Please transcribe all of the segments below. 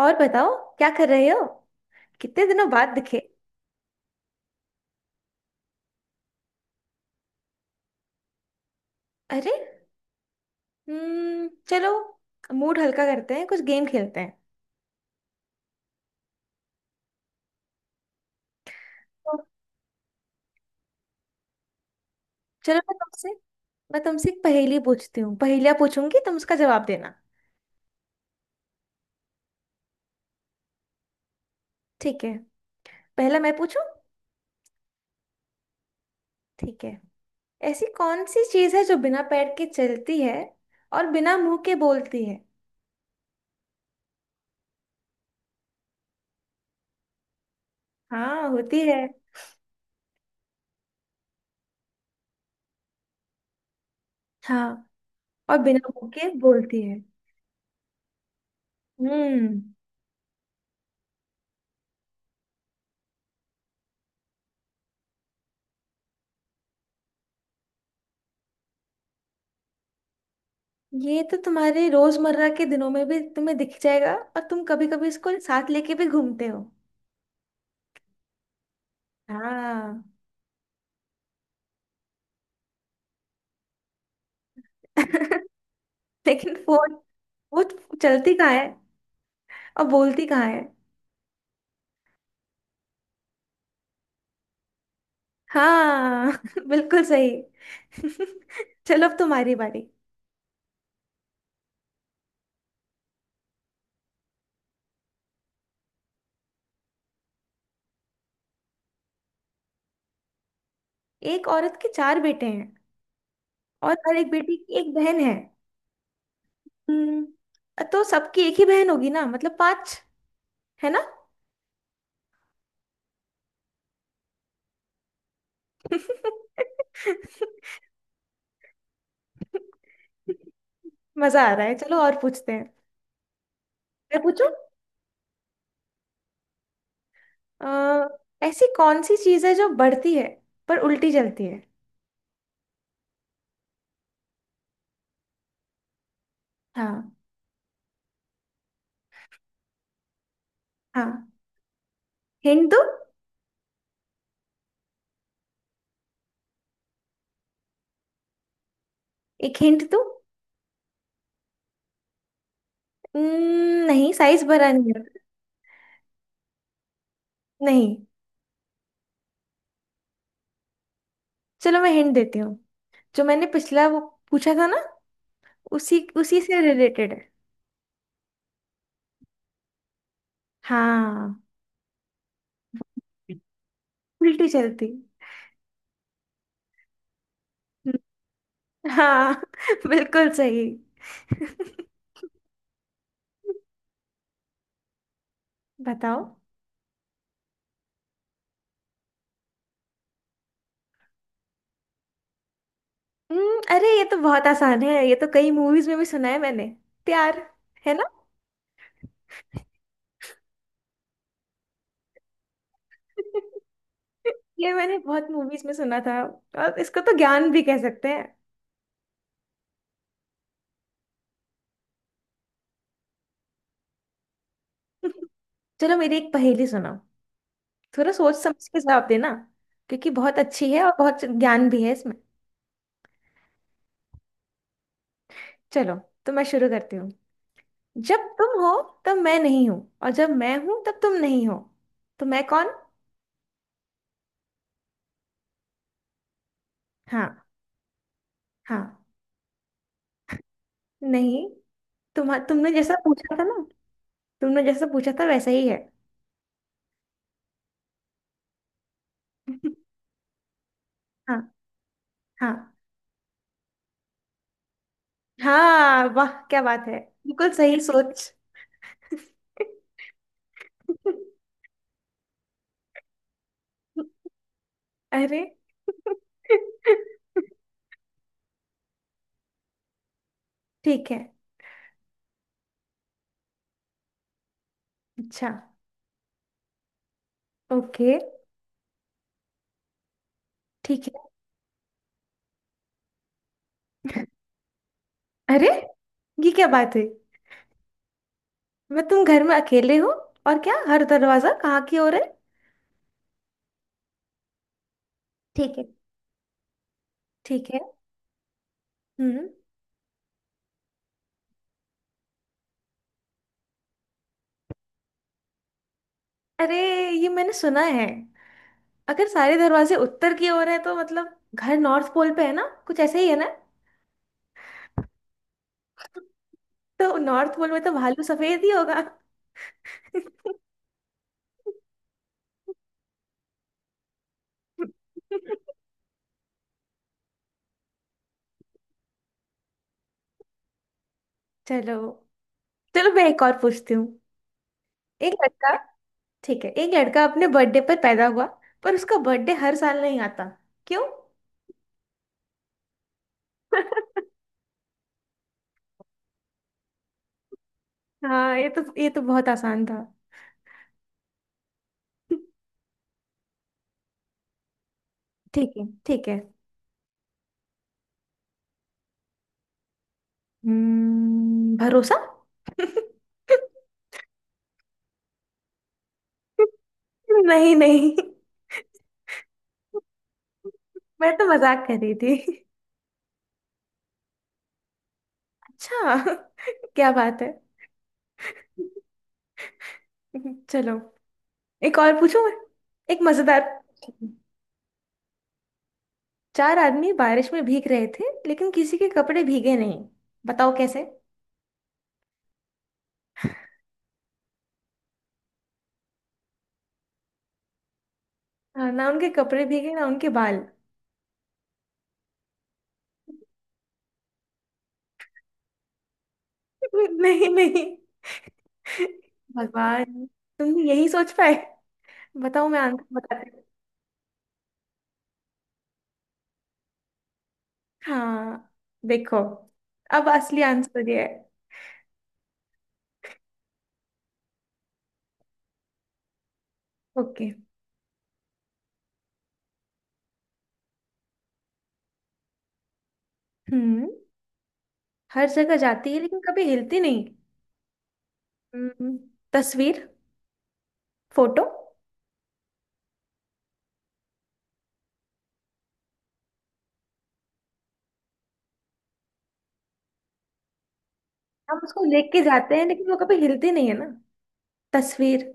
और बताओ क्या कर रहे हो। कितने दिनों बाद दिखे। अरे, हम्म, चलो मूड हल्का करते हैं, कुछ गेम खेलते हैं। तो चलो मैं तुमसे एक पहेली पूछती हूँ। पहेलियाँ पूछूंगी, तुम उसका जवाब देना। ठीक है, पहला मैं पूछूं। ठीक है, ऐसी कौन सी चीज़ है जो बिना पैर के चलती है और बिना मुंह के बोलती है। हाँ होती है। हाँ, और बिना मुंह के बोलती है। हम्म। ये तो तुम्हारे रोजमर्रा के दिनों में भी तुम्हें दिख जाएगा, और तुम कभी कभी इसको साथ लेके भी घूमते हो। हाँ। लेकिन फोन वो चलती कहाँ है और बोलती कहाँ है। हाँ। बिल्कुल सही। चलो अब तुम्हारी बारी। एक औरत के चार बेटे हैं और हर एक बेटी की एक बहन है। हम्म। तो सबकी एक ही बहन होगी ना, मतलब पांच। है ना। मजा आ रहा है, चलो और पूछते हैं। मैं पूछूं। अ, ऐसी कौन सी चीज है जो बढ़ती है पर उल्टी जलती है। हाँ। हाँ हिंट दो। एक हिंट दो। नहीं, साइज भरा नहीं है। नहीं। चलो मैं हिंट देती हूँ। जो मैंने पिछला वो पूछा था ना, उसी उसी से रिलेटेड है। हाँ। उल्टी चलती। हम्म, हाँ। बिल्कुल सही। बताओ। अरे ये तो बहुत आसान है, ये तो कई मूवीज में भी सुना है मैंने। प्यार। है ना। ये मैंने बहुत मूवीज में सुना था। और इसको तो ज्ञान भी कह सकते हैं। चलो मेरी एक पहेली सुनाओ। थोड़ा सोच समझ के जवाब देना, क्योंकि बहुत अच्छी है और बहुत ज्ञान भी है इसमें। चलो तो मैं शुरू करती हूँ। जब तुम हो तब मैं नहीं हूँ, और जब मैं हूँ तब तुम नहीं हो। तो मैं कौन। हाँ। हाँ। नहीं। तुमने जैसा पूछा था ना, तुमने जैसा पूछा था वैसा ही है। हाँ। हाँ। हाँ, वाह क्या बात है, बिल्कुल सही सोच। अरे। ठीक है, अच्छा। ओके। ठीक है। अरे ये क्या बात है। मैं, तुम घर में अकेले हो और क्या हर दरवाजा कहाँ की ओर है। ठीक है, ठीक है। हम्म। अरे ये मैंने सुना है। अगर सारे दरवाजे उत्तर की ओर है तो मतलब घर नॉर्थ पोल पे है ना, कुछ ऐसा ही है ना। तो नॉर्थ पोल में तो भालू सफेद ही होगा। चलो, चलो मैं एक और पूछती हूँ। एक लड़का, ठीक है, एक लड़का अपने बर्थडे पर पैदा हुआ पर उसका बर्थडे हर साल नहीं आता। क्यों। हाँ, ये तो बहुत आसान था। ठीक है, ठीक है। भरोसा। नहीं नहीं, मैं तो मजाक कर रही थी। अच्छा। क्या बात है। चलो एक और पूछूं मैं, एक मजेदार। चार आदमी बारिश में भीग रहे थे लेकिन किसी के कपड़े भीगे नहीं। बताओ कैसे। हाँ, ना उनके कपड़े भीगे ना उनके बाल। नहीं नहीं, भगवान, तुम यही सोच पाए। बताओ, मैं आंसर बताती हूँ। हाँ। देखो, अब असली आंसर ये है। ओके। हम्म। हर जगह जाती है लेकिन कभी हिलती नहीं। हम्म, तस्वीर, फोटो। हम उसको लेके जाते हैं लेकिन वो कभी हिलती नहीं है ना, तस्वीर।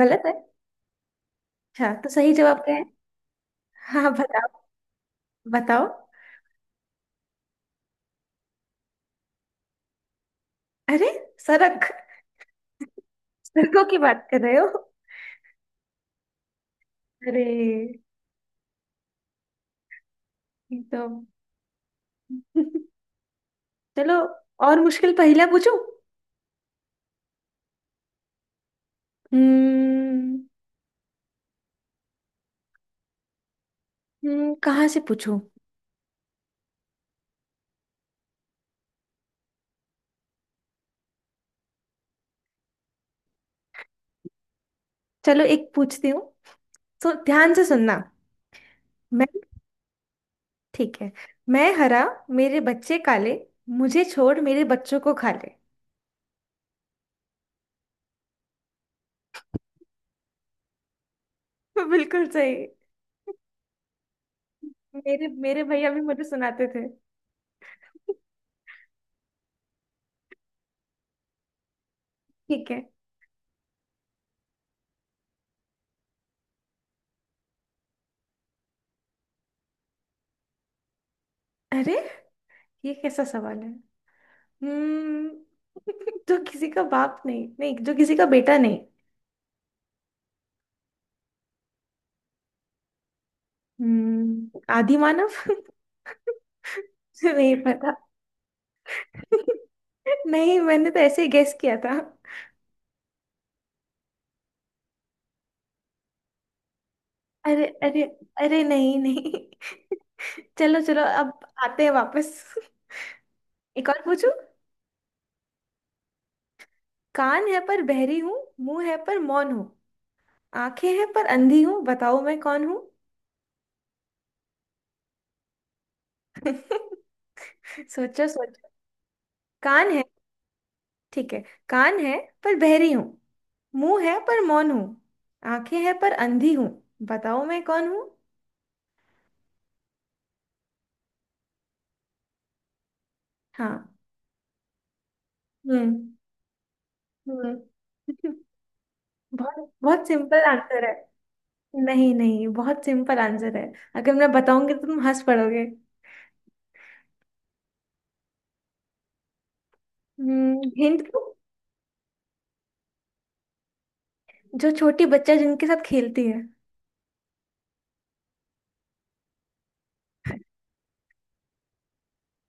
गलत है। अच्छा तो सही जवाब क्या है। हाँ बताओ। बताओ। अरे, सड़क। सड़कों की बात कर रहे हो। अरे, एकदम। चलो और मुश्किल पहला पूछूं। हम्म कहाँ से पूछूं। चलो एक पूछती हूँ, तो ध्यान से सुनना। मैं, ठीक है, मैं हरा, मेरे बच्चे काले, मुझे छोड़ मेरे बच्चों को खा ले। बिल्कुल सही। मेरे मेरे भैया भी मुझे सुनाते थे। ठीक है। अरे ये कैसा सवाल है। हम्म। जो किसी का बाप नहीं, नहीं, जो किसी का बेटा नहीं। हम्म, आदि मानव। नहीं पता। नहीं, मैंने तो ऐसे ही गेस किया था। अरे अरे, अरे नहीं नहीं। चलो, चलो अब आते हैं वापस। एक और पूछू। कान है पर बहरी हूँ, मुंह है पर मौन हूँ, आंखें हैं पर अंधी हूँ, बताओ मैं कौन हूँ। सोचो सोचो। कान है, ठीक है, कान है पर बहरी हूँ, मुंह है पर मौन हूँ, आंखें हैं पर अंधी हूँ, बताओ मैं कौन हूँ। हाँ। हम्म। हम्म। बहुत बहुत सिंपल आंसर है। नहीं नहीं, बहुत सिंपल आंसर है, अगर मैं बताऊंगी तो तुम हंस पड़ोगे। हिंट। जो छोटी बच्चा जिनके साथ खेलती है।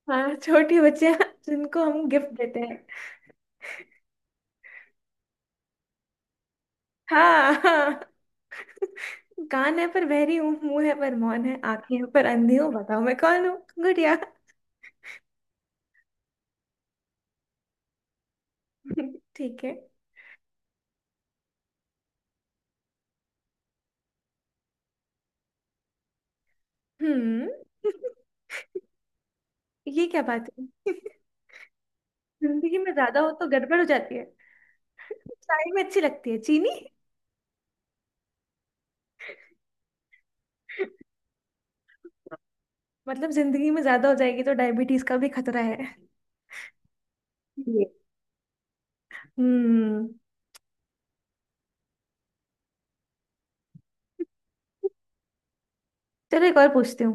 हाँ, छोटी बच्चे जिनको हम गिफ्ट देते हैं। हाँ हाँ। कान है पर बहरी हूँ, मुंह है पर मौन है, आंखें हैं पर अंधी हूँ, बताओ मैं कौन हूँ। गुड़िया। ठीक है। हम्म, ये क्या बात है। जिंदगी में ज्यादा हो तो गड़बड़ हो जाती है। चाय में अच्छी लगती है, चीनी। मतलब जिंदगी में ज्यादा हो जाएगी तो डायबिटीज का भी खतरा है। ये। हम्म। चलो एक और पूछती हूँ।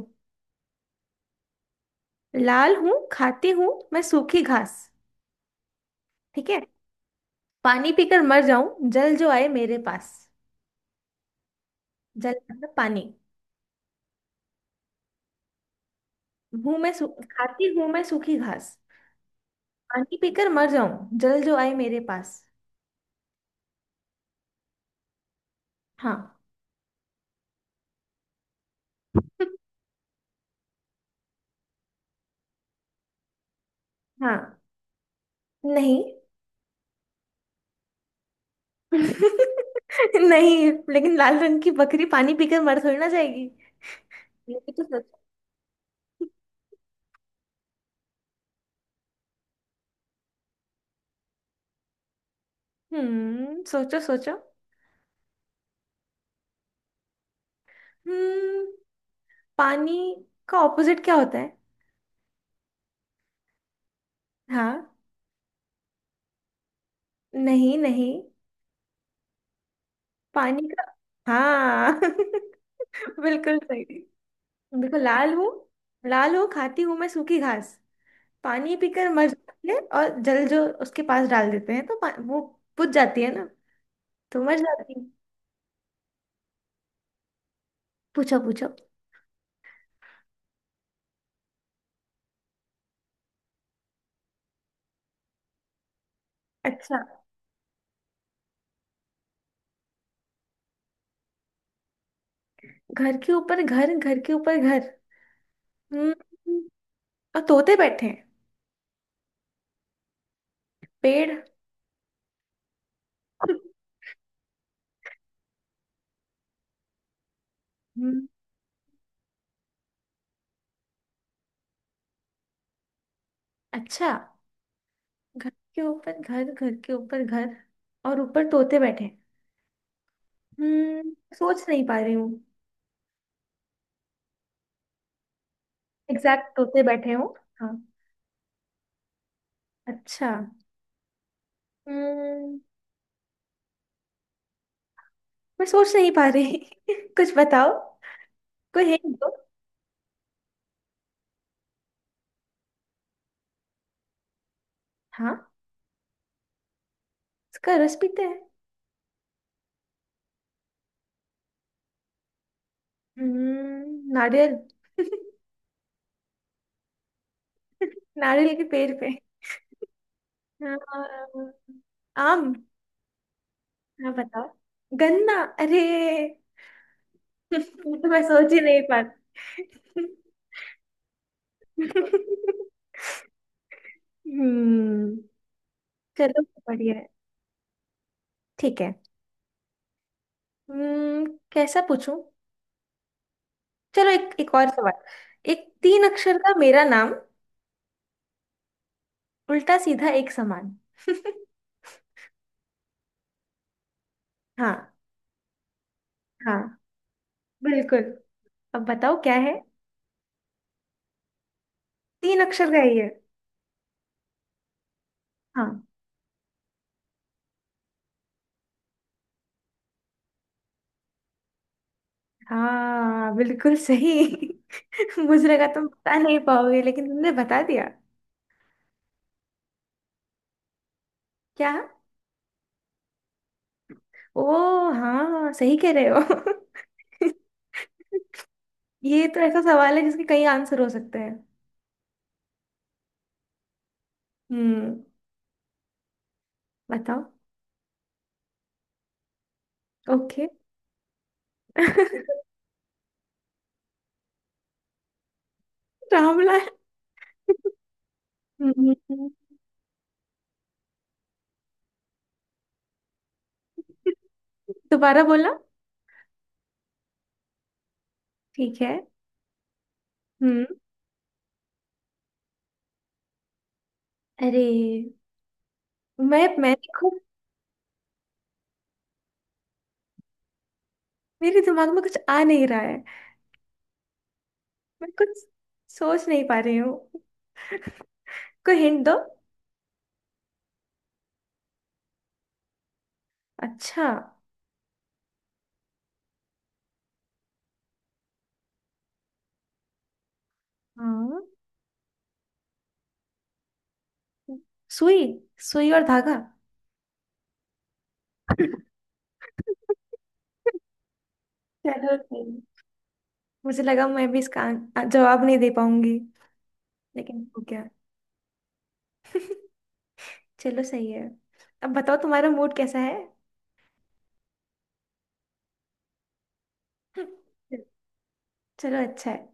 लाल हूँ खाती हूँ मैं सूखी घास। ठीक है। पानी पीकर मर जाऊं जल जो आए मेरे पास। जल मतलब पानी। हूँ खाती हूँ मैं सूखी घास। पानी पीकर मर जाऊं जल जो आए मेरे पास। हाँ। हाँ। नहीं। नहीं, लेकिन लाल रंग की बकरी पानी पीकर मर थोड़ी ना जाएगी। ये भी तो सोचो। हम्म, सोचो सोचो। हम्म, पानी का ऑपोजिट क्या होता है। हाँ। नहीं नहीं, पानी का। हाँ। बिल्कुल सही। देखो, लाल हूँ, लाल हूँ खाती हूँ मैं सूखी घास, पानी पीकर मर जाती है, और जल जो उसके पास डाल देते हैं तो वो बुझ जाती है ना, तो मर जाती है। पूछो पूछो। अच्छा। घर के ऊपर घर, घर के ऊपर घर। हम्म, और तोते बैठे हैं, पेड़। हम्म, अच्छा। घर के ऊपर घर, घर के ऊपर घर, और ऊपर तोते बैठे हैं। हम्म, सोच नहीं पा रही हूँ। एग्जैक्ट तोते बैठे हो। हाँ। अच्छा। हम्म। मैं सोच नहीं पा रही। कुछ बताओ, कोई हिंट दो। हाँ। उसका रस पीते हैं। हम्म, नारियल। नारियल के पेड़ पे। हाँ, आम। हाँ बताओ। गन्ना। अरे। तो मैं सोच ही नहीं पा। हम्म। चलो, बढ़िया है। ठीक है। हम्म, कैसा पूछूं। चलो एक, एक और सवाल। एक तीन अक्षर का मेरा नाम, उल्टा सीधा एक समान। हाँ। हाँ, बिल्कुल। अब बताओ क्या है। तीन अक्षर का ही है ये। हाँ। हाँ बिल्कुल सही। मुजरे का तुम बता नहीं पाओगे, लेकिन तुमने बता दिया। क्या। ओ, हाँ सही कह रहे हो। ये तो ऐसा सवाल है जिसके कई आंसर हो सकते हैं। हम्म। बताओ। ओके। रामलाल। हम्म, दोबारा बोला। ठीक है। हम्म। अरे, मैं खुद, मेरे दिमाग में कुछ आ नहीं रहा है। मैं कुछ सोच नहीं पा रही हूँ। कोई हिंट दो। अच्छा। हाँ। सुई, सुई और धागा। चलो सही। मुझे लगा मैं भी इसका जवाब नहीं दे पाऊंगी, लेकिन हो गया। चलो सही है। अब बताओ तुम्हारा मूड कैसा है। चलो अच्छा है।